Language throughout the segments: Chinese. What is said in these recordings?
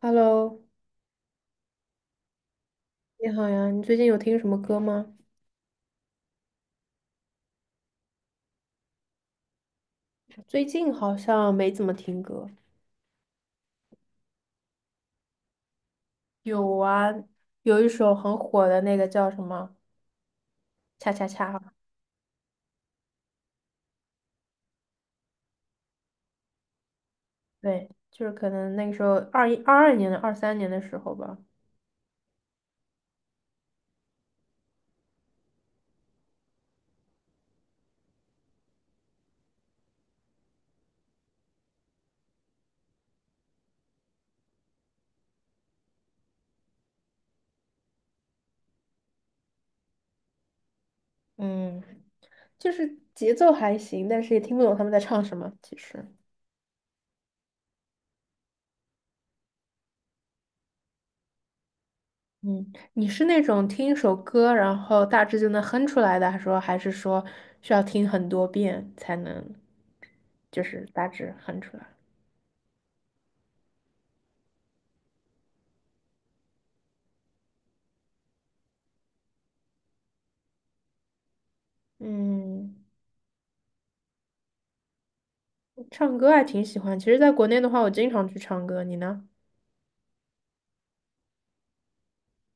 Hello，你好呀，你最近有听什么歌吗？最近好像没怎么听歌。有啊，有一首很火的那个叫什么"恰恰恰"，啊对，就是可能那个时候二一、二二年的、二三年的时候吧。嗯，就是节奏还行，但是也听不懂他们在唱什么。其实，嗯，你是那种听一首歌，然后大致就能哼出来的，还是说需要听很多遍才能，就是大致哼出来？嗯。唱歌还挺喜欢。其实，在国内的话，我经常去唱歌。你呢？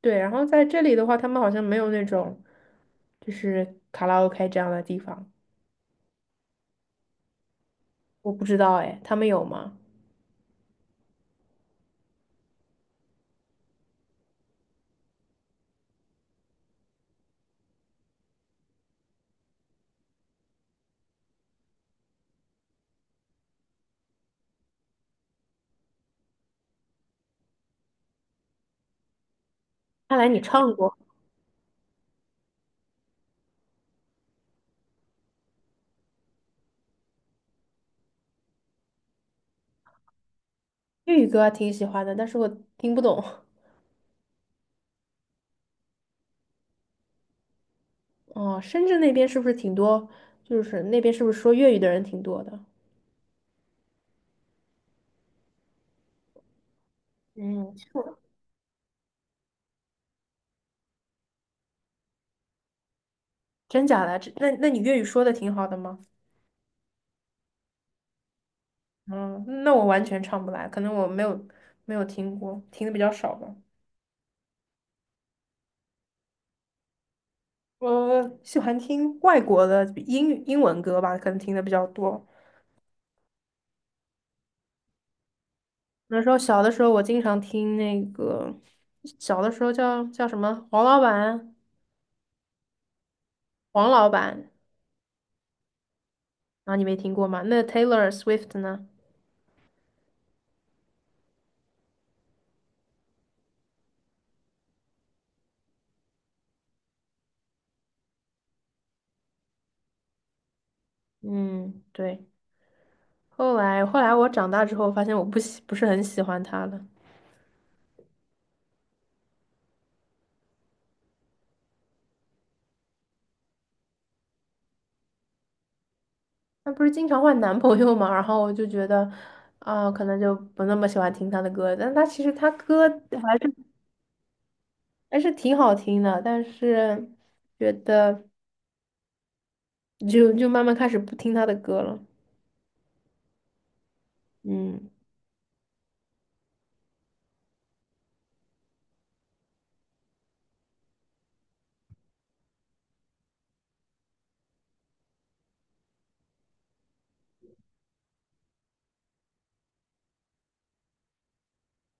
对，然后在这里的话，他们好像没有那种就是卡拉 OK 这样的地方，我不知道哎，他们有吗？看来你唱过粤语歌，还挺喜欢的，但是我听不懂。哦，深圳那边是不是挺多？就是那边是不是说粤语的人挺多的？嗯，是真假的？这那你粤语说的挺好的吗？嗯，那我完全唱不来，可能我没有听过，听的比较少吧。我喜欢听外国的比英文歌吧，可能听的比较多。那时候小的时候，我经常听那个，小的时候叫什么黄老板，黄老板啊，你没听过吗？那 Taylor Swift 呢？嗯，对。后来我长大之后，发现我不是很喜欢她了。她不是经常换男朋友嘛，然后我就觉得，啊、可能就不那么喜欢听她的歌。但她其实她歌还是挺好听的，但是觉得。就慢慢开始不听他的歌了。嗯，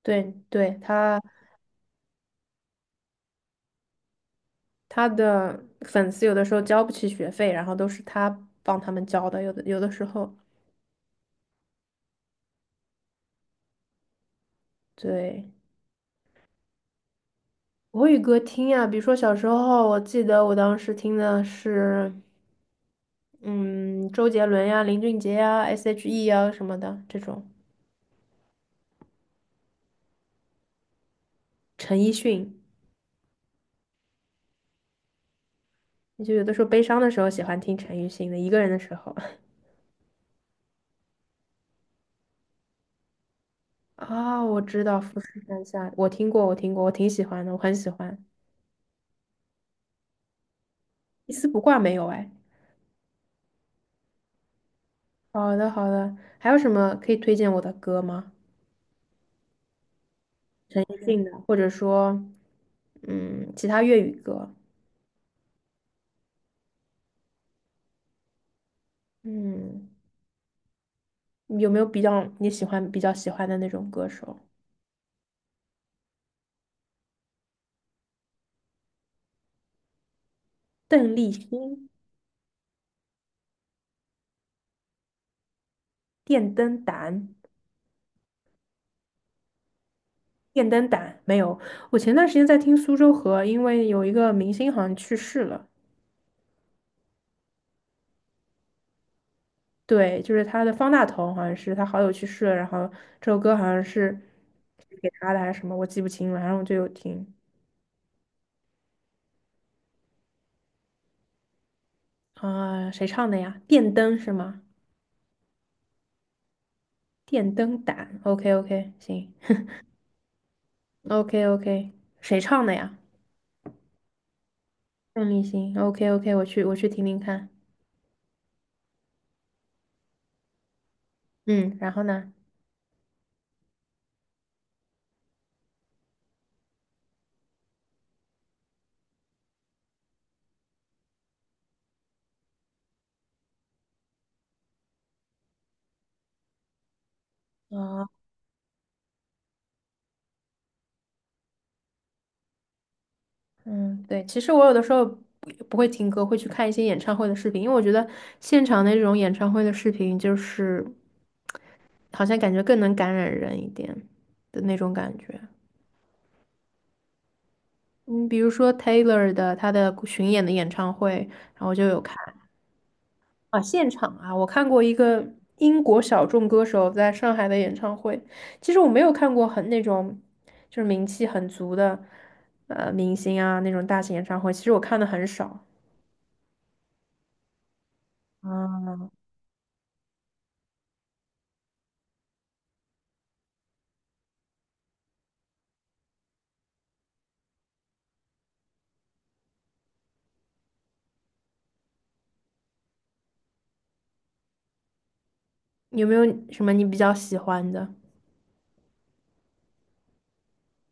对对，他的粉丝有的时候交不起学费，然后都是他帮他们交的，有的时候，对，国语歌听呀，比如说小时候，我记得我当时听的是，嗯，周杰伦呀、林俊杰呀、S.H.E 呀什么的这种，陈奕迅。就有的时候悲伤的时候喜欢听陈奕迅的，一个人的时候 啊，我知道《富士山下》，我听过，我挺喜欢的，我很喜欢。一丝不挂没有哎。好的，好的。还有什么可以推荐我的歌吗？陈奕迅的，或者说，嗯，其他粤语歌。嗯，有没有比较你喜欢、比较喜欢的那种歌手？邓丽欣、电灯胆、电灯胆没有。我前段时间在听苏州河，因为有一个明星好像去世了。对，就是他的方大同，好像是他好友去世了，然后这首歌好像是给他的还是什么，我记不清了。然后我就有听。啊，谁唱的呀？电灯是吗？电灯胆，OK OK，行，OK OK，谁唱的呀？邓丽欣，OK OK，我去听听看。嗯，然后呢？啊，嗯，对，其实我有的时候不会听歌，会去看一些演唱会的视频，因为我觉得现场的这种演唱会的视频，就是好像感觉更能感染人一点的那种感觉。嗯，比如说 Taylor 的她的巡演的演唱会，然后我就有看。啊，现场啊，我看过一个英国小众歌手在上海的演唱会。其实我没有看过很那种就是名气很足的明星啊那种大型演唱会，其实我看的很少。啊。有没有什么你比较喜欢的？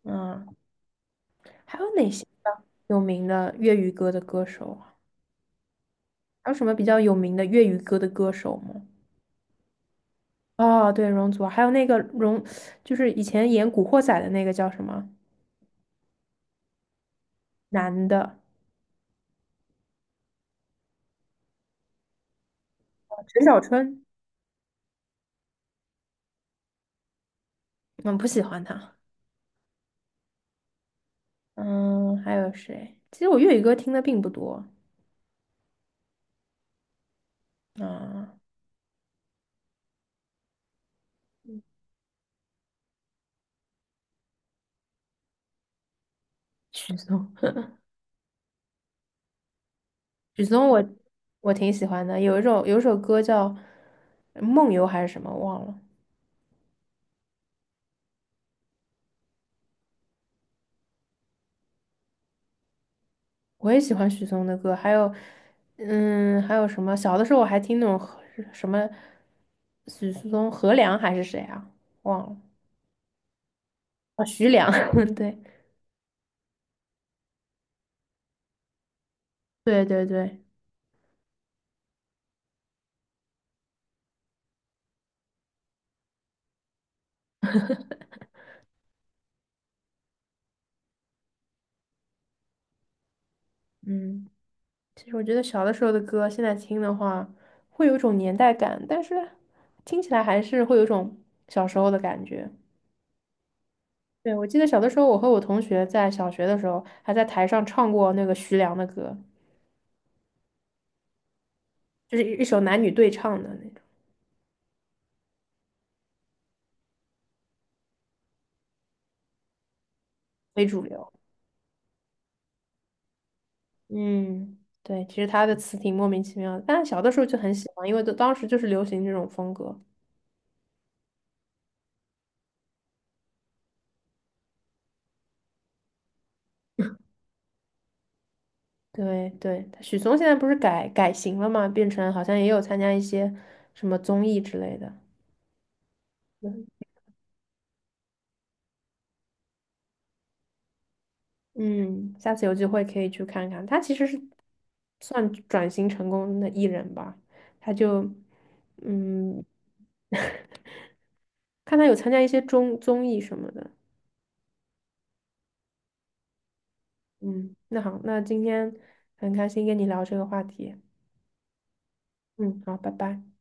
嗯，还有哪些有名的粤语歌的歌手啊？还有什么比较有名的粤语歌的歌手吗？哦，对，容祖儿，还有那个就是以前演《古惑仔》的那个叫什么男的，陈小春。我不喜欢他。嗯，还有谁？其实我粤语歌听的并不多。啊。许嵩，许嵩我挺喜欢的，有一首歌叫梦游》还是什么忘了。我也喜欢许嵩的歌，还有嗯，还有什么？小的时候我还听那种和什么许嵩、何良还是谁啊？忘了啊，徐良。对对对对，嗯，其实我觉得小的时候的歌，现在听的话，会有一种年代感，但是听起来还是会有一种小时候的感觉。对，我记得小的时候，我和我同学在小学的时候，还在台上唱过那个徐良的歌，就是一首男女对唱的那种，非主流。嗯，对，其实他的词挺莫名其妙的，但小的时候就很喜欢，因为都当时就是流行这种风格。对对，许嵩现在不是改型了嘛，变成好像也有参加一些什么综艺之类的。嗯，下次有机会可以去看看。他其实是算转型成功的艺人吧，他就嗯，看他有参加一些综艺什么的。嗯，那好，那今天很开心跟你聊这个话题。嗯，好，拜拜。